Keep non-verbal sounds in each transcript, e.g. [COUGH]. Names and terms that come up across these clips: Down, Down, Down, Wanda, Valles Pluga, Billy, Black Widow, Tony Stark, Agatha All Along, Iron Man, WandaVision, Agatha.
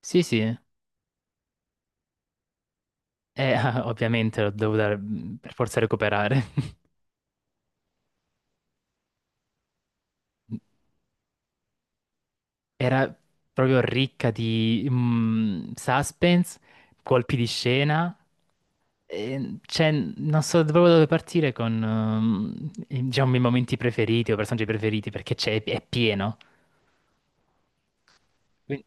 Sì, sì, [LAUGHS] ovviamente l'ho dovuta per forza recuperare. [LAUGHS] Era proprio ricca di suspense, colpi di scena. E, cioè, non so proprio dove partire con diciamo, i miei momenti preferiti o personaggi preferiti perché è pieno. Quindi-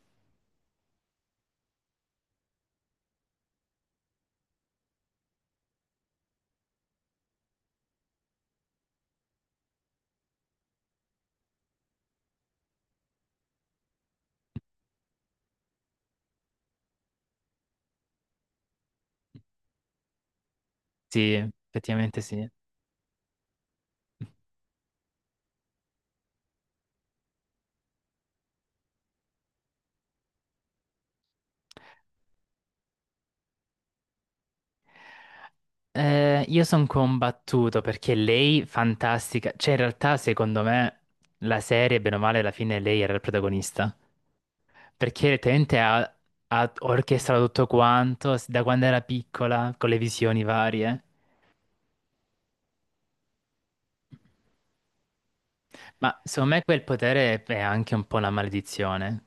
Sì, effettivamente sì. Io sono combattuto perché lei, fantastica, cioè in realtà secondo me la serie, bene o male, alla fine lei era il protagonista. Perché letteralmente ha orchestrato tutto quanto da quando era piccola, con le visioni varie. Ma secondo me quel potere è anche un po' una maledizione.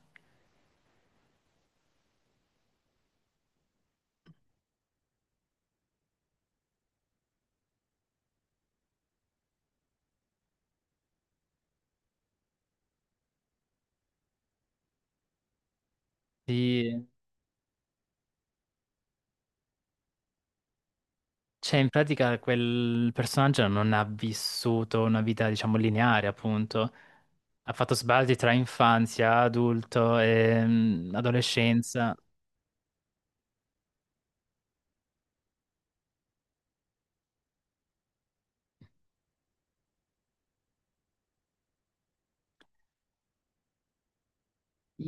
Sì, cioè in pratica quel personaggio non ha vissuto una vita, diciamo, lineare, appunto. Ha fatto sbalzi tra infanzia, adulto e adolescenza.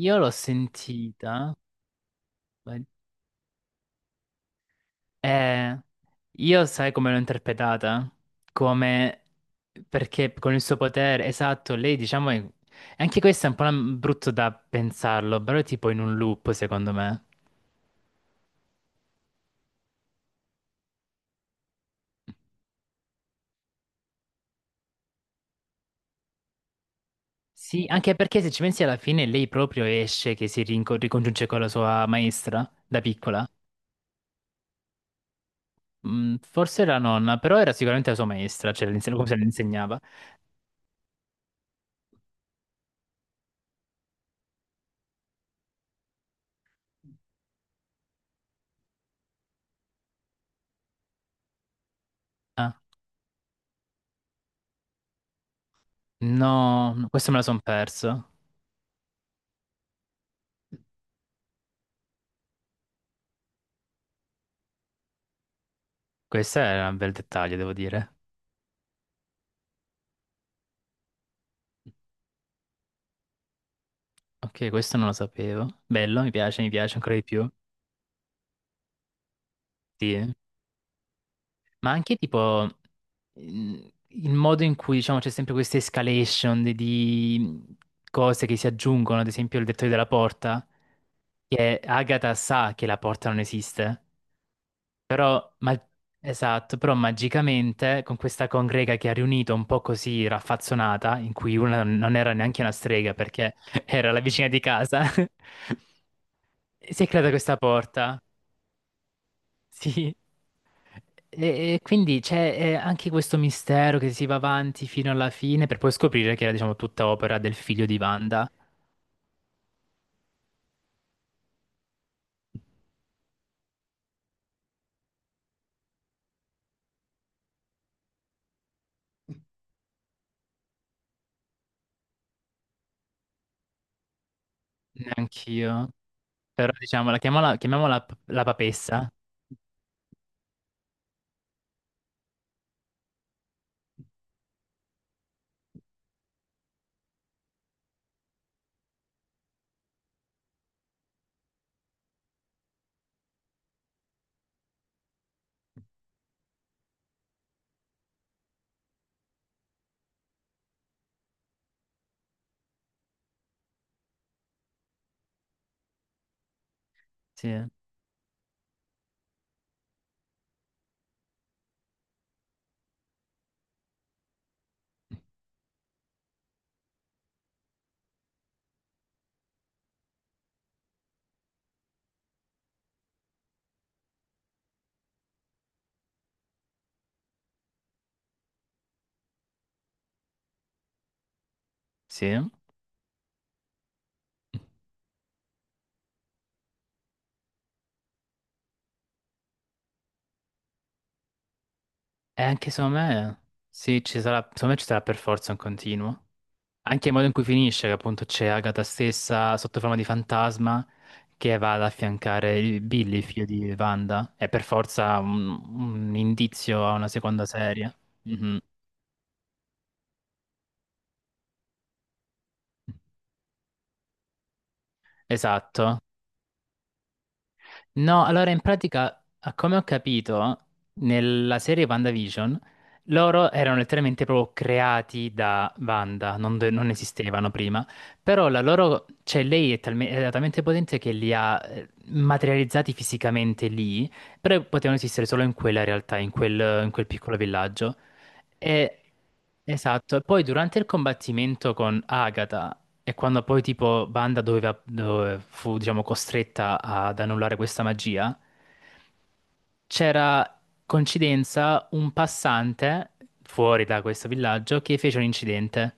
Io l'ho sentita, ma Eh, io sai come l'ho interpretata? Come Perché con il suo potere, esatto, lei diciamo anche questo è un po' brutto da pensarlo, però è tipo in un loop, secondo me. Sì, anche perché se ci pensi alla fine lei proprio esce che si ricongiunge con la sua maestra da piccola. Forse era la nonna, però era sicuramente la sua maestra, cioè come se le insegnava. Ah, no, no, questo me la son perso. Questo è un bel dettaglio, devo dire. Ok, questo non lo sapevo. Bello, mi piace ancora di più. Sì. Ma anche tipo mm, il modo in cui diciamo c'è sempre questa escalation di cose che si aggiungono, ad esempio il dettaglio della porta, che Agatha sa che la porta non esiste, però, esatto, però magicamente con questa congrega che ha riunito un po' così raffazzonata, in cui una non era neanche una strega perché [LAUGHS] era la vicina di casa, [LAUGHS] si è creata questa porta. Sì. E quindi c'è anche questo mistero che si va avanti fino alla fine per poi scoprire che era, diciamo, tutta opera del figlio di Wanda. Neanch'io. Però, diciamo, la chiamiamola la papessa. Sì. Sì. E anche secondo me, sì, ci sarà, secondo me ci sarà per forza un continuo. Anche il modo in cui finisce, che appunto c'è Agatha stessa sotto forma di fantasma che va ad affiancare Billy, figlio di Wanda. È per forza un indizio a una seconda serie. Mhm. Esatto. No, allora in pratica, a come ho capito, nella serie WandaVision, loro erano letteralmente proprio creati da Wanda, non esistevano prima, però la loro, cioè lei era talmente potente che li ha materializzati fisicamente lì, però potevano esistere solo in quella realtà, in quel, piccolo villaggio. E, esatto, e poi durante il combattimento con Agatha e quando poi tipo Banda dove fu diciamo costretta ad annullare questa magia, c'era coincidenza un passante fuori da questo villaggio che fece un incidente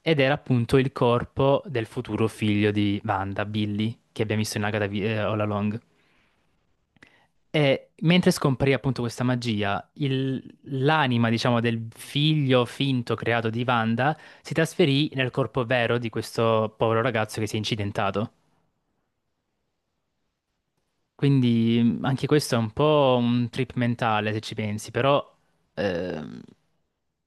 ed era appunto il corpo del futuro figlio di Banda, Billy, che abbiamo visto in Agatha All Along. E mentre scomparì appunto questa magia, l'anima, diciamo, del figlio finto creato di Wanda si trasferì nel corpo vero di questo povero ragazzo che si è incidentato. Quindi anche questo è un po' un trip mentale se ci pensi, però ehm,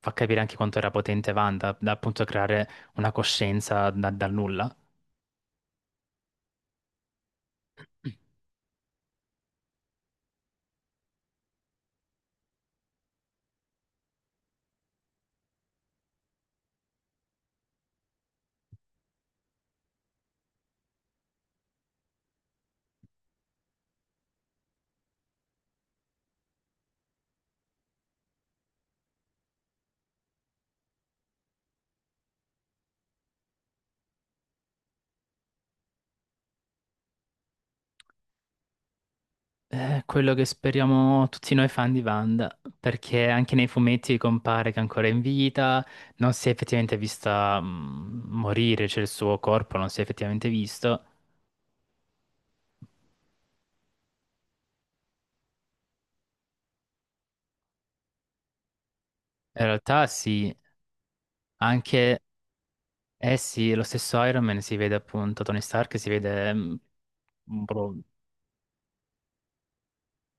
fa capire anche quanto era potente Wanda da appunto creare una coscienza dal nulla. È quello che speriamo tutti noi fan di Wanda, perché anche nei fumetti compare che è ancora in vita, non si è effettivamente vista morire, cioè il suo corpo non si è effettivamente visto. In realtà sì, anche eh sì, lo stesso Iron Man si vede appunto, Tony Stark si vede un po'.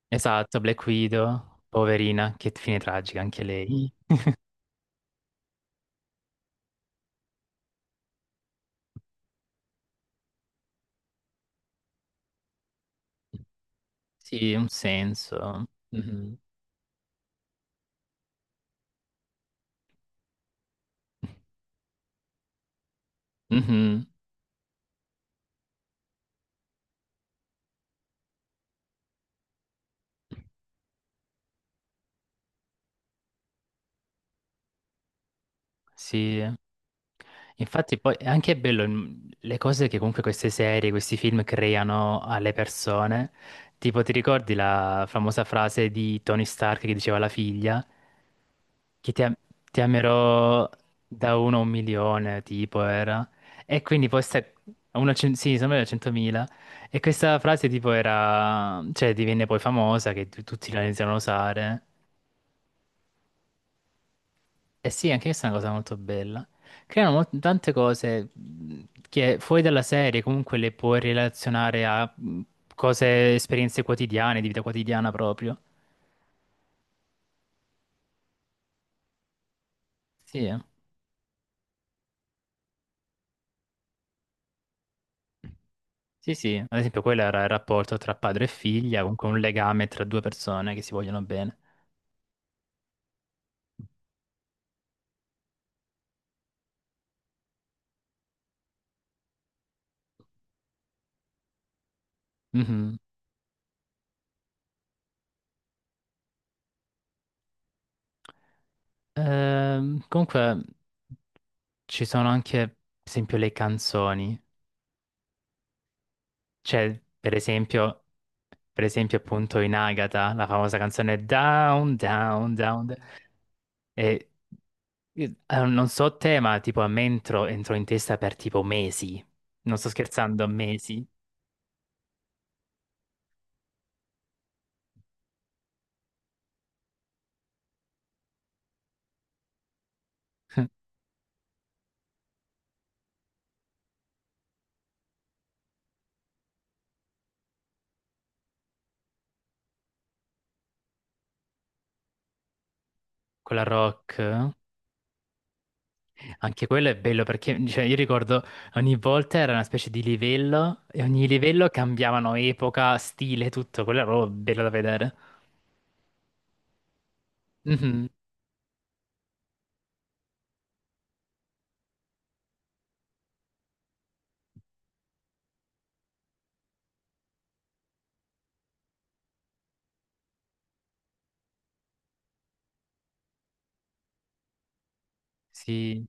Esatto, Black Widow, poverina, che fine tragica anche lei. Mm. Sì, un senso. Mhm. Mhm. Sì. Infatti poi è anche bello le cose che comunque queste serie, questi film creano alle persone. Tipo, ti ricordi la famosa frase di Tony Stark che diceva alla figlia che ti amerò da uno a un milione, tipo era. E quindi poi sta... a uno a cen- sì, sembra da 100.000. E questa frase tipo era, cioè divenne poi famosa che tutti la iniziano a usare. Eh sì, anche questa è una cosa molto bella. Creano tante cose che fuori dalla serie comunque le puoi relazionare a cose, esperienze quotidiane, di vita quotidiana proprio. Sì, eh. Sì, sì. Ad esempio, quello era il rapporto tra padre e figlia, comunque un legame tra due persone che si vogliono bene. Mhm. Comunque ci sono anche, per esempio, le canzoni. Cioè, per esempio appunto in Agatha, la famosa canzone Down, Down, Down. Down. E, non so te, ma tipo a me entrò in testa per tipo mesi. Non sto scherzando, mesi. [LAUGHS] Quella rock. Anche quello è bello perché cioè, io ricordo ogni volta era una specie di livello e ogni livello cambiavano epoca, stile, tutto. Quello era proprio bello da vedere. Mhm. Sì.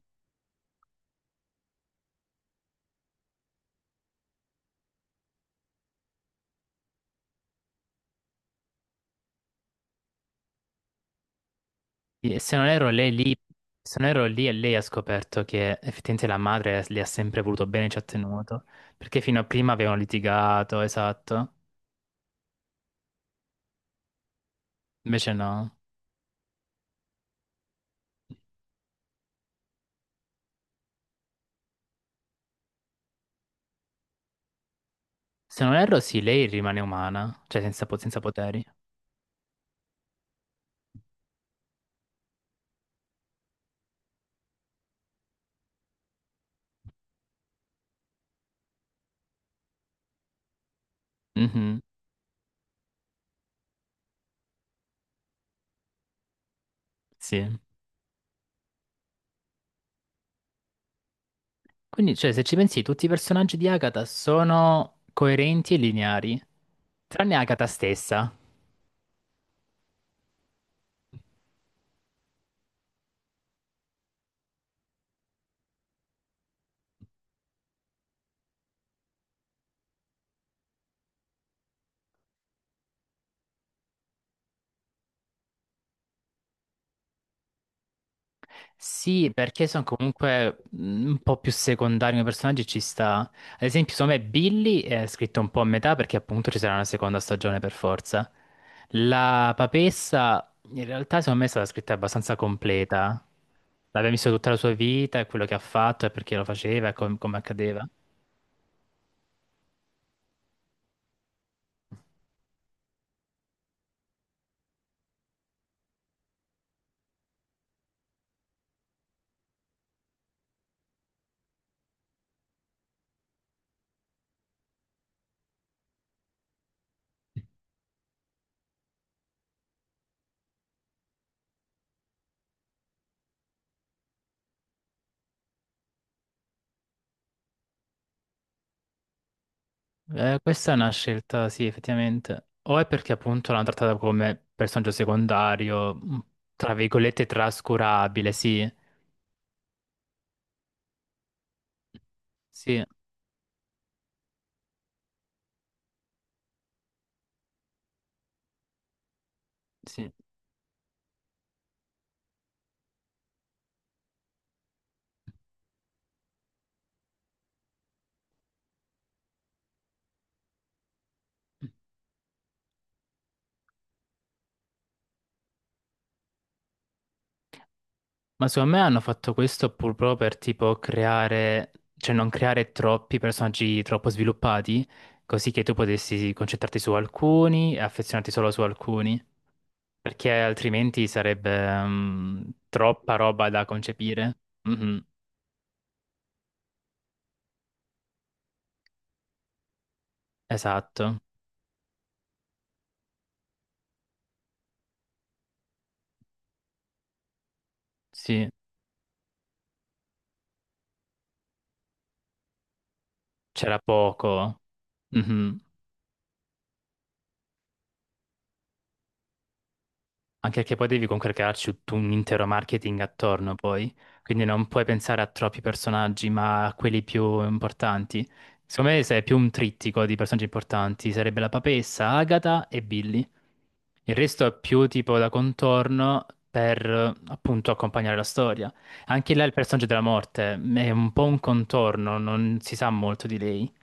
Sì, se non erro lì, e lei ha scoperto che effettivamente la madre le ha sempre voluto bene, ci ha tenuto, perché fino a prima avevano litigato, esatto. Invece no. Se non erro, sì, lei rimane umana, cioè senza poteri. Mhm, sì. Quindi, cioè, se ci pensi, tutti i personaggi di Agatha sono coerenti e lineari, tranne Agatha stessa. Sì, perché sono comunque un po' più secondari come personaggi, ci sta. Ad esempio, secondo me Billy è scritto un po' a metà perché appunto ci sarà una seconda stagione per forza. La papessa, in realtà, secondo me è stata scritta abbastanza completa. L'abbiamo visto tutta la sua vita e quello che ha fatto e perché lo faceva e come accadeva. Questa è una scelta, sì, effettivamente. O è perché appunto l'hanno trattata come personaggio secondario, tra virgolette trascurabile, sì. Sì. Sì. Ma secondo me hanno fatto questo pur proprio per tipo creare, cioè non creare troppi personaggi troppo sviluppati, così che tu potessi concentrarti su alcuni e affezionarti solo su alcuni, perché altrimenti sarebbe troppa roba da concepire. Mhm, esatto, sì, c'era poco. Mhm. Anche perché poi devi comunque crearci tutto un intero marketing attorno poi, quindi non puoi pensare a troppi personaggi, ma a quelli più importanti. Secondo me se è più un trittico di personaggi importanti, sarebbe la papessa, Agatha e Billy. Il resto è più tipo da contorno per appunto accompagnare la storia. Anche là il personaggio della morte è un po' un contorno, non si sa molto di lei.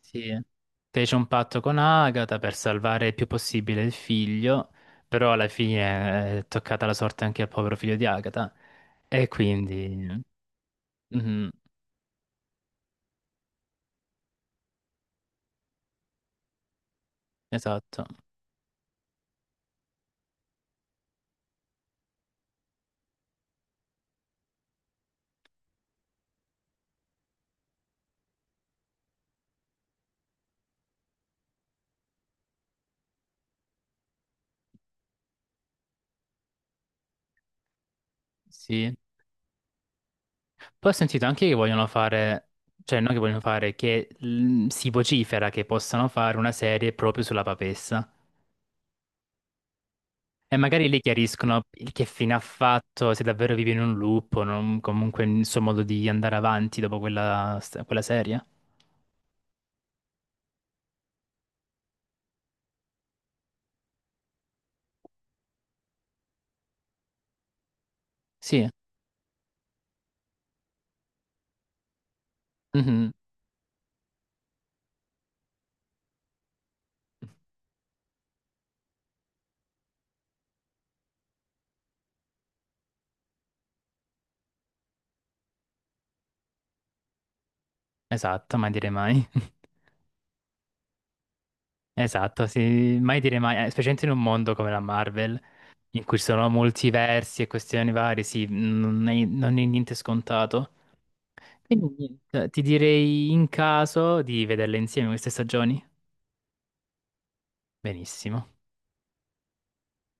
Sì, fece un patto con Agatha per salvare il più possibile il figlio, però alla fine è toccata la sorte anche al povero figlio di Agatha. E quindi. Mhm, esatto, sì. Poi ho sentito anche che vogliono fare, cioè non che vogliono fare, che si vocifera che possano fare una serie proprio sulla papessa. E magari lì chiariscono il che fine ha fatto, se davvero vive in un loop o comunque il suo modo di andare avanti dopo quella serie. Sì. Mhm. Esatto, mai dire mai. [LAUGHS] Esatto, sì, mai dire mai, specialmente in un mondo come la Marvel, in cui ci sono multiversi e questioni varie, sì, non è niente scontato. Quindi niente, ti direi in caso di vederle insieme queste stagioni. Benissimo.